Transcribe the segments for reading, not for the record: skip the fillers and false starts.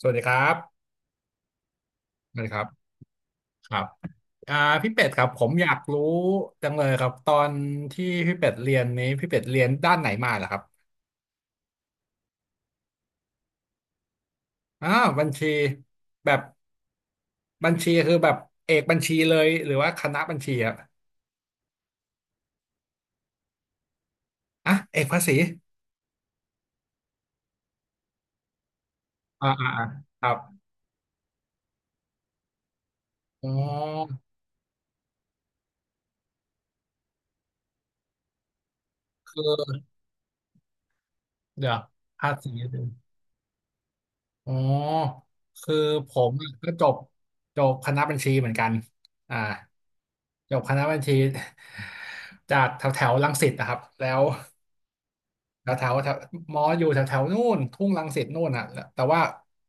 สวัสดีครับสวัสดีครับครับอ่าพี่เป็ดครับผมอยากรู้จังเลยครับตอนที่พี่เป็ดเรียนนี้พี่เป็ดเรียนด้านไหนมาเหรอครับอ่าบัญชีแบบบัญชีคือแบบเอกบัญชีเลยหรือว่าคณะบัญชีอะอ่ะเอกภาษีอ่าอ่าอ่าครับอ๋อคือเดี๋ยวภาษี อ๋อ คือผมก็จบคณะบัญชีเหมือนกันอ่าจบคณะบัญชี จากแถวแถวรังสิตนะครับแล้วแถวแถวแถวมออยู่แถวแถวนู่นทุ่งรังสิตนู่นอ่ะแล้วแต่ว่า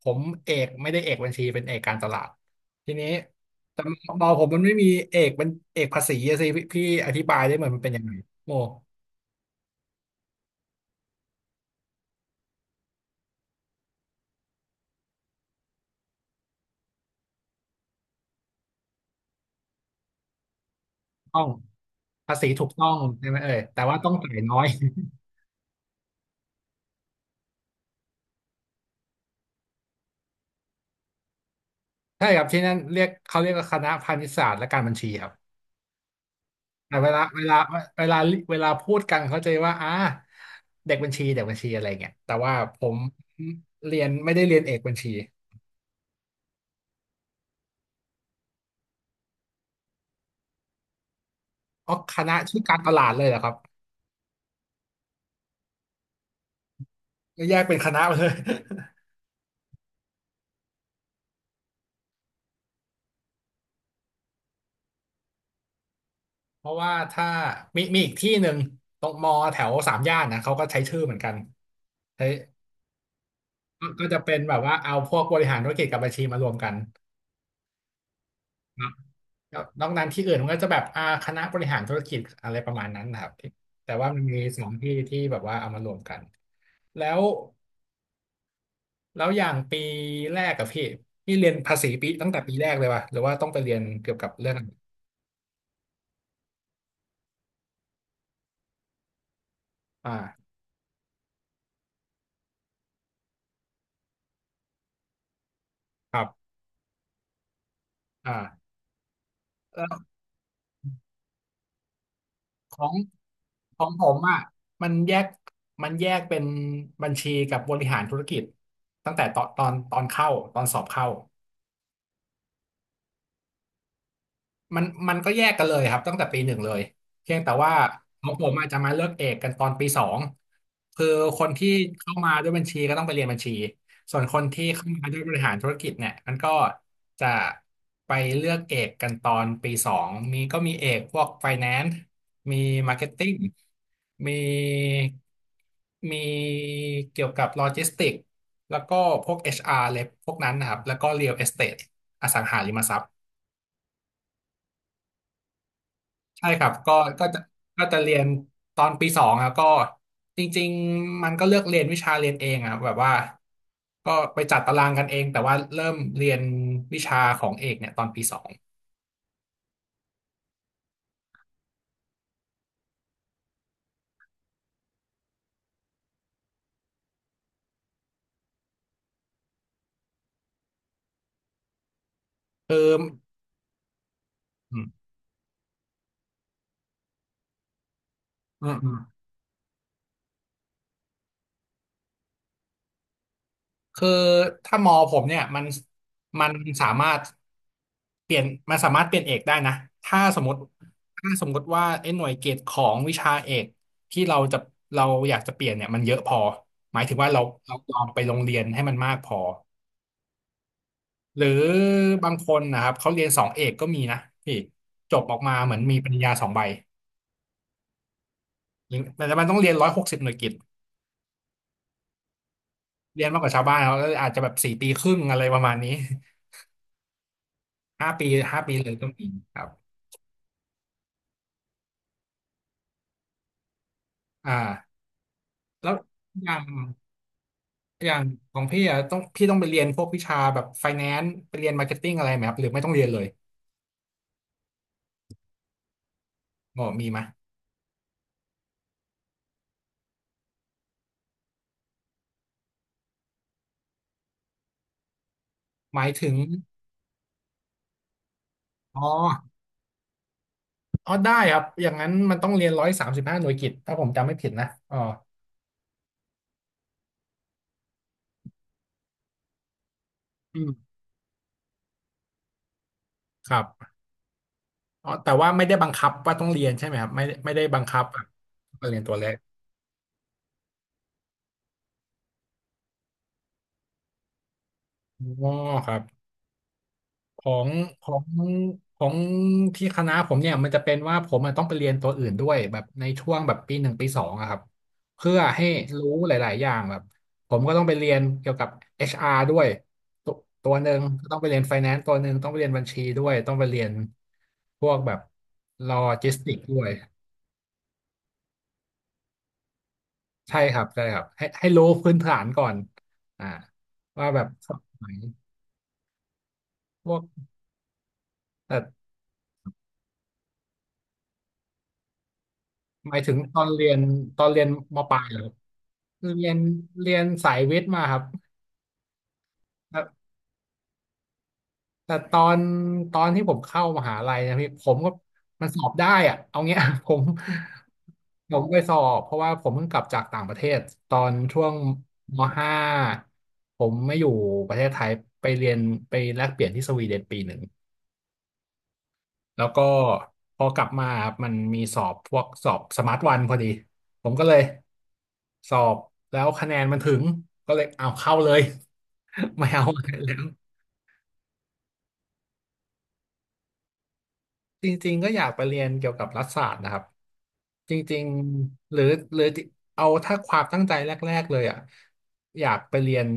ผมเอกไม่ได้เอกบัญชีเป็นเอกการตลาดทีนี้แต่มอผมมันไม่มีเอกเป็นเอกภาษีอะสิพี่อธิบายได้เหมือนมันเป็นยังไงโมต้องภาษีถูกต้องใช่ไหมเอ่ยแต่ว่าต้องจ่ายน้อย ใช่ครับที่นั่นเรียกเขาเรียกว่าคณะพาณิชยศาสตร์และการบัญชีครับแต่เวลาเวลาพูดกันเขาใจะว่าเด็กบัญชีเด็กบัญชีอะไรเงี้ยแต่ว่าผมเรียนไม่ได้เรียนเอกบัญชีอ๋อคณะชื่อการตลาดเลยเหรอครับก็แยกเป็นคณะไปเลย เพราะว่าถ้ามีอีกที่หนึ่งตรงมอแถวสามย่านนะเขาก็ใช้ชื่อเหมือนกันใช้ก็จะเป็นแบบว่าเอาพวกบริหารธุรกิจกับบัญชีมารวมกัน ครนอกนั้นที่อื่นมันก็จะแบบคณะบริหารธุรกิจอะไรประมาณนั้นนะครับที่แต่ว่ามันมีสองที่ที่แบบว่าเอามารวมกันแล้วแล้วอย่างปีแรกกับพี่เรียนภาษีปีตั้งแต่ปีแรกเลยป่ะหรือว่าต้องไปเรียนเกี่ยวกับเรื่องอ่าครับอ่าแล้วของของผมอ่ะมันแยกมันแยกเป็นบัญชีกับบริหารธุรกิจตั้งแต่ตอนเข้าตอนสอบเข้า มันก็แยกกันเลยครับตั้งแต่ปีหนึ่งเลยเพียงแต่ว่าของผมอาจจะมาเลือกเอกกันตอนปีสองคือคนที่เข้ามาด้วยบัญชีก็ต้องไปเรียนบัญชีส่วนคนที่เข้ามาด้วยบริหารธุรกิจเนี่ยมันก็จะไปเลือกเอกกันตอนปีสองมีก็มีเอกพวก f i แ a น c ์มีมาร์เก็ตติ้งมีมีเกี่ยวกับโลจิสติกแล้วก็พวก HR เลยพวกนั้นนะครับแล้วก็ Real Estate อสังหาริมทรัพย์ ใช่ครับก็จะก็จะเรียนตอนปีสองครับก็จริงๆมันก็เลือกเรียนวิชาเรียนเองอะครับแบบว่าก็ไปจัดตารางกันเองแต่ว่าเริ่มเรียนวิชาของเอกเนี่ยตอนปีสองคืออืมอืมอืมคือถ้ามอผมเนี่ยมันสามารถเปลี่ยนมันสามารถเปลี่ยนเอกได้นะถ้าสมมติถ้าสมมติว่าไอ้หน่วยเกรดของวิชาเอกที่เราอยากจะเปลี่ยนเนี่ยมันเยอะพอหมายถึงว่าเราลองไปโรงเรียนให้มันมากพอ หรือบางคนนะครับเขาเรียนสองเอกก็มีนะพี่จบออกมาเหมือนมีปริญญาสองใบหรือแต่มันต้องเรียน160หน่วยกิตเรียนมากกว่าชาวบ้านเขาก็อาจจะแบบสี่ปีครึ่งอะไรประมาณนี้ ห้าปีห้าปีเลยก็มีครับอ่าแล้วอย่างอย่างของพี่อ่ะต้องพี่ต้องไปเรียนพวกวิชาแบบไฟแนนซ์ไปเรียนมาร์เก็ตติ้งอะไรไหมครับหรือไม่ต้องเรียนเลยบอกมีไหมหมายถึงอ๋ออ๋อได้ครับอย่างนั้นมันต้องเรียน135หน่วยกิตถ้าผมจำไม่ผิดนะอ๋ออืมครับ อ๋อแต่ว่าไม่ได้บังคับว่าต้องเรียนใช่ไหมครับไม่ไม่ได้บังคับแบบเรียนตัวเลขอ๋อครับของของของที่คณะผมเนี่ยมันจะเป็นว่าผมอะต้องไปเรียนตัวอื่นด้วยแบบในช่วงแบบปีหนึ่งปีสองอะครับเพื่อให้รู้หลายๆอย่างแบบผมก็ต้องไปเรียนเกี่ยวกับเอชอาร์ด้วยตัวตัวหนึ่งก็ต้องไปเรียน Finance ตัวหนึ่งต้องไปเรียนบัญชีด้วยต้องไปเรียนพวกแบบโลจิสติ c ด้วย ใช่ครับใช่ครับให้รู้พื้นฐานก่อนอ่าว่าแบบสมัยพวกแต่หมายถึงตอนเรียนมปลายเหรอครับเรียนเรียนสายวิทย์มาครับแต่แต่ตอนที่ผมเข้ามหาลัยนะพี่ผมก็มันสอบได้อะเอาเงี้ย ผมไปสอบเพราะว่าผมเพิ่งกลับจากต่างประเทศตอนช่วงม .5 ผมไม่อยู่ประเทศไทยไปเรียนไปแลกเปลี่ยนที่สวีเดนปีหนึ่ง แล้วก็พอกลับมาครับมันมีสอบพวกสอบสมาร์ทวันพอดีผมก็เลยสอบแล้วคะแนนมันถึงก็เลยเอาเข้าเลย ไม่เอาอะไรแล้วจริงๆก็อยากไปเรียนเกี่ยวกับรัฐศาสตร์นะครับจริงๆหรือเอาถ้าความตั้งใจแรกๆเลยอ่ะอยากไปเรียน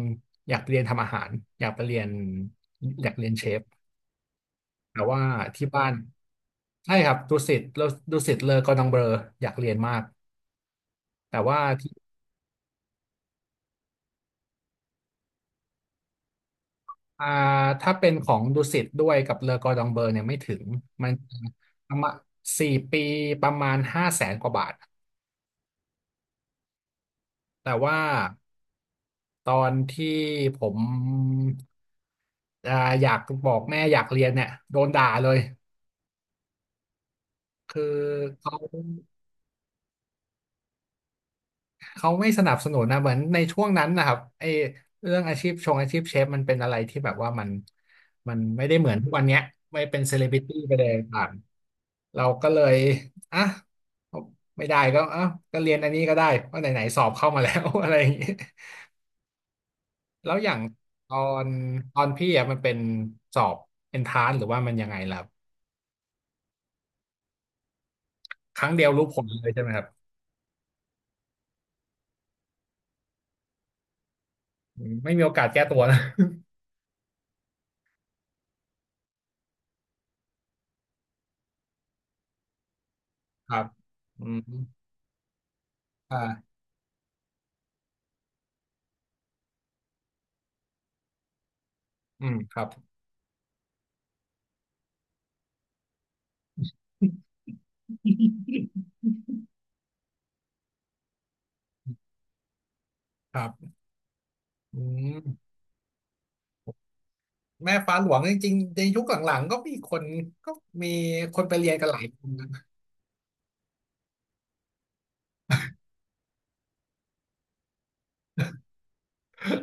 อยากไปเรียนทำอาหารอยากไปเรียนอยากเรียนเชฟแต่ว่าที่บ้านใช่ครับดุสิตเลอกอร์ดองเบลออยากเรียนมากแต่ว่าที่ อ่าถ้าเป็นของดุสิตด้วยกับเลอกอร์ดองเบอร์เนี่ยไม่ถึงมันประมาณ4 ปีประมาณห้าแสนกว่าบาทแต่ว่าตอนที่ผมอ่าอยากบอกแม่อยากเรียนเนี่ยโดนด่าเลยคือเขา เขาไม่สนับสนุนนะเหมือนในช่วงนั้นนะครับไอเรื่องอาชีพอาชีพเชฟมันเป็นอะไรที่แบบว่ามันไม่ได้เหมือนทุกวันเนี้ยไม่เป็นเซเลบริตี้ไปเลยต่างเราก็เลยอ่ะไม่ได้ก็อ่ะก็เรียนอันนี้ก็ได้เพราะไหนๆสอบเข้ามาแล้ว อะไรอย่างนี้แล้วอย่างตอนตอนพี่อ่ะมันเป็นสอบเอนทรานหรือว่ามันยังไงล่ะครับครั้งเดียวรู้ผลเลยใช่ไหมครับอืมไม่มีโอกาสแก้ตัวนะ ครับอืมอ่าอืมครับครับอืม แม่ฟ้าหลวงจริงๆในยุคหลังๆก็มีคนไปเรียนกันหลายคนนะ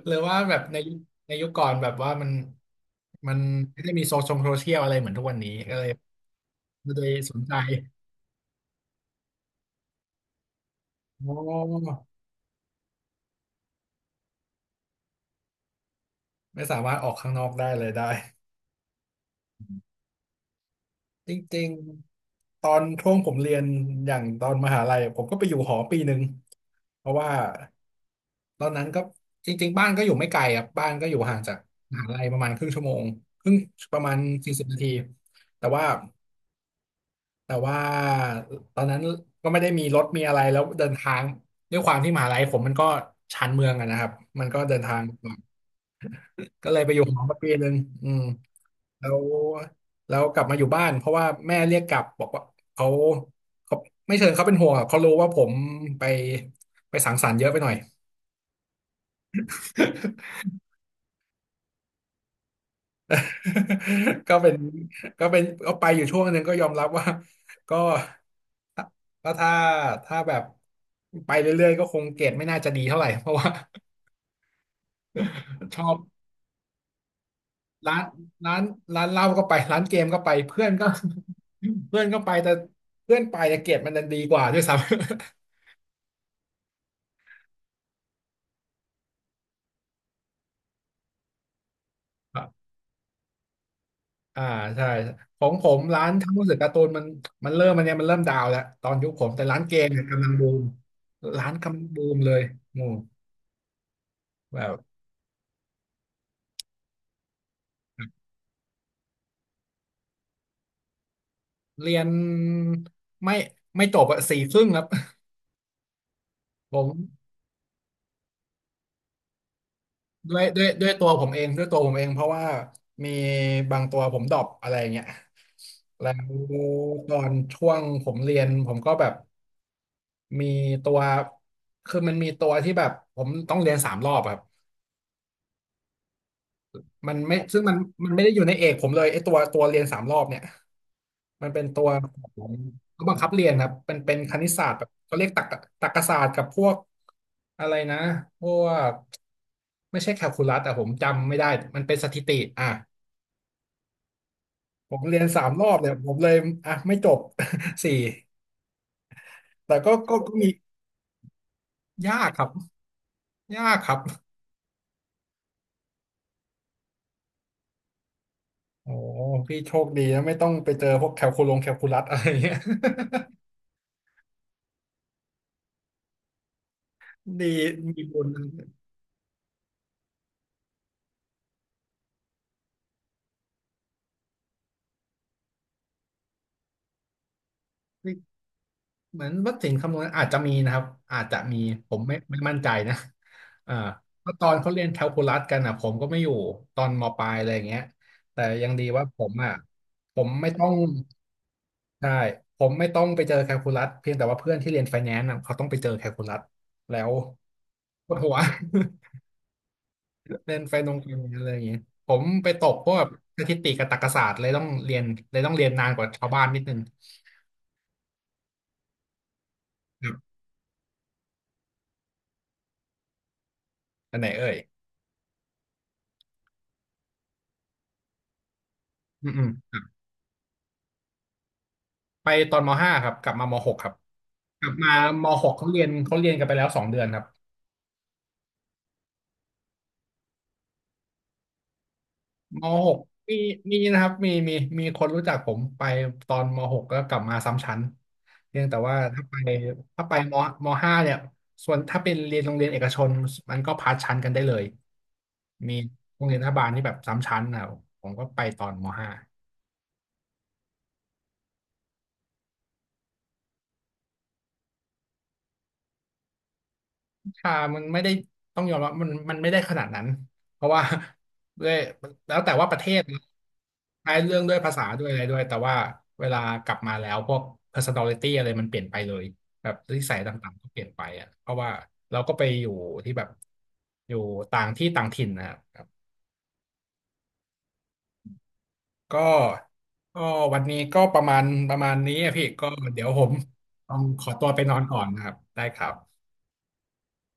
หรือว่าแบบในยุคก่อนแบบว่ามันไม่ได้มีโซเชียลอะไรเหมือนทุกวันนี้ก็เลยไม่ได้สนใจโอ้ไม่สามารถออกข้างนอกได้เลยได้ จริงๆตอนช่วงผมเรียนอย่างตอนมหาลัยผมก็ไปอยู่หอปีหนึ่งเพราะว่าตอนนั้นก็จริงๆบ้านก็อยู่ไม่ไกลครับบ้านก็อยู่ห่างจากมหาลัยประมาณครึ่งชั่วโมงครึ่งประมาณ40 นาทีแต่ว่าแต่ว่าตอนนั้นก็ไม่ได้มีรถมีอะไรแล้วเดินทางด้วยความที่มหาลัยผมมันก็ชานเมืองอะนะครับมันก็เดินทางลำบากก็เลยไปอยู่หอมาปีหนึ่งอืม แล้วแล้วกลับมาอยู่บ้านเพราะว่าแม่เรียกกลับบอกว่าเขาเขาไม่เชิญเขาเป็นห่วงอะเขารู้ว่าผมไปไปสังสรรค์เยอะไปหน่อย ก็เป็นก็เป็นก็ไปอยู่ช่วงหนึ่งก็ยอมรับว่าก็ก็ถ้าแบบไปเรื่อยๆก็คงเกรดไม่น่าจะดีเท่าไหร่เพราะว่าชอบร้านร้านร้านเหล้าก็ไปร้านเกมก็ไปเพื่อนก็ เพื่อนก็ไปแต่เพื่อนไปแต่เกรดมันดันดีกว่าด้วยซ้ำ อ่าใช่ของผมร้านหนังสือการ์ตูนมันมันเริ่มมันเนี่ยมันเริ่มดาวน์แล้วตอนยุคผมแต่ร้านเกมเนี่ยกำลังบูมร้านกำลังบูมเลยหมู่แบบเรียนไม่ไม่จบอะสี่ครึ่งครับ ผมด้วยตัวผมเองด้วยตัวผมเองเพราะว่ามีบางตัวผมดรอปอะไรอย่างเงี้ยแล้วตอนช่วงผมเรียนผมก็แบบมีตัวคือมันมีตัวที่แบบผมต้องเรียนสามรอบอะครับ มันไม่ซึ่งมันไม่ได้อยู่ในเอกผมเลยไอ้ตัวเรียนสามรอบเนี่ยมันเป็นตัวของเขาบังคับเรียนครับเป็นคณิตศาสตร์แบบเขาเรียกตรรกศาสตร์กับพวกอะไรนะพวกไม่ใช่แคลคูลัสแต่ผมจำไม่ได้มันเป็นสถิติอ่ะผมเรียนสามรอบเนี่ยผมเลยอ่ะไม่จบ สี่แต่ก็มียากครับยากครับโอ้พี่โชคดีนะไม่ต้องไปเจอพวกแคลคูลัสอะไรเงี้ย ดีมีบุญ เหมือนวัดสิงห์คำนวณอาจจะมีนะครับอาจจะมีผมไม่มั่นใจนะอ่าเพราะตอนเขาเรียนแคลคูลัสกันอ่ะผมก็ไม่อยู่ตอนมปลายอะไรอย่างเงี้ยแต่ยังดีว่าผมอ่ะผมไม่ต้องใช่ผมไม่ต้องไปเจอแคลคูลัสเพียงแต่ว่าเพื่อนที่เรียนไฟแนนซ์อ่ะเขาต้องไปเจอแคลคูลัสแล้วปวดหัว เรียนไฟแนนซ์อะไรอย่างเงี้ยผมไปตกพวกสถิติกับตรรกศาสตร์เลยต้องเรียนเลยต้องเรียนนานกว่าชาวบ้านนิดนึงครับอันไหนเอ่ยอืมอืม ไปตอนมห้าครับกลับมามหกครับกลับมามหกเขาเรียนกันไปแล้ว2 เดือนครับมหกมีมีนะครับมีคนรู้จักผมไปตอนมหกแล้วกลับมาซ้ำชั้นเพียงแต่ว่าถ้าไปมห้าเนี่ยส่วนถ้าเป็นเรียนโรงเรียนเอกชนมันก็พาสชั้นกันได้เลยมีโรงเรียนรัฐบาลที่แบบซ้ำชั้นนะครับผมก็ไปตอนมห้า ค่ะมันไม่ได้ต้องยอมรับมันไม่ได้ขนาดนั้นเพราะว่า ด้วยแล้วแต่ว่าประเทศนะใช้เรื่องด้วยภาษาด้วยอะไรด้วยแต่ว่าเวลากลับมาแล้วพวก personality อะไรมันเปลี่ยนไปเลยแบบนิสัยต่างๆก็เปลี่ยนไปอ่ะเพราะว่าเราก็ไปอยู่ที่แบบอยู่ต่างที่ต่างถิ่นนะครับก็ก็วันนี้ก็ประมาณนี้อะพี่ก็เดี๋ยวผมต้องขอตัวไปนอนก่อนนะครับได้ครับ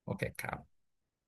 โอเคครับ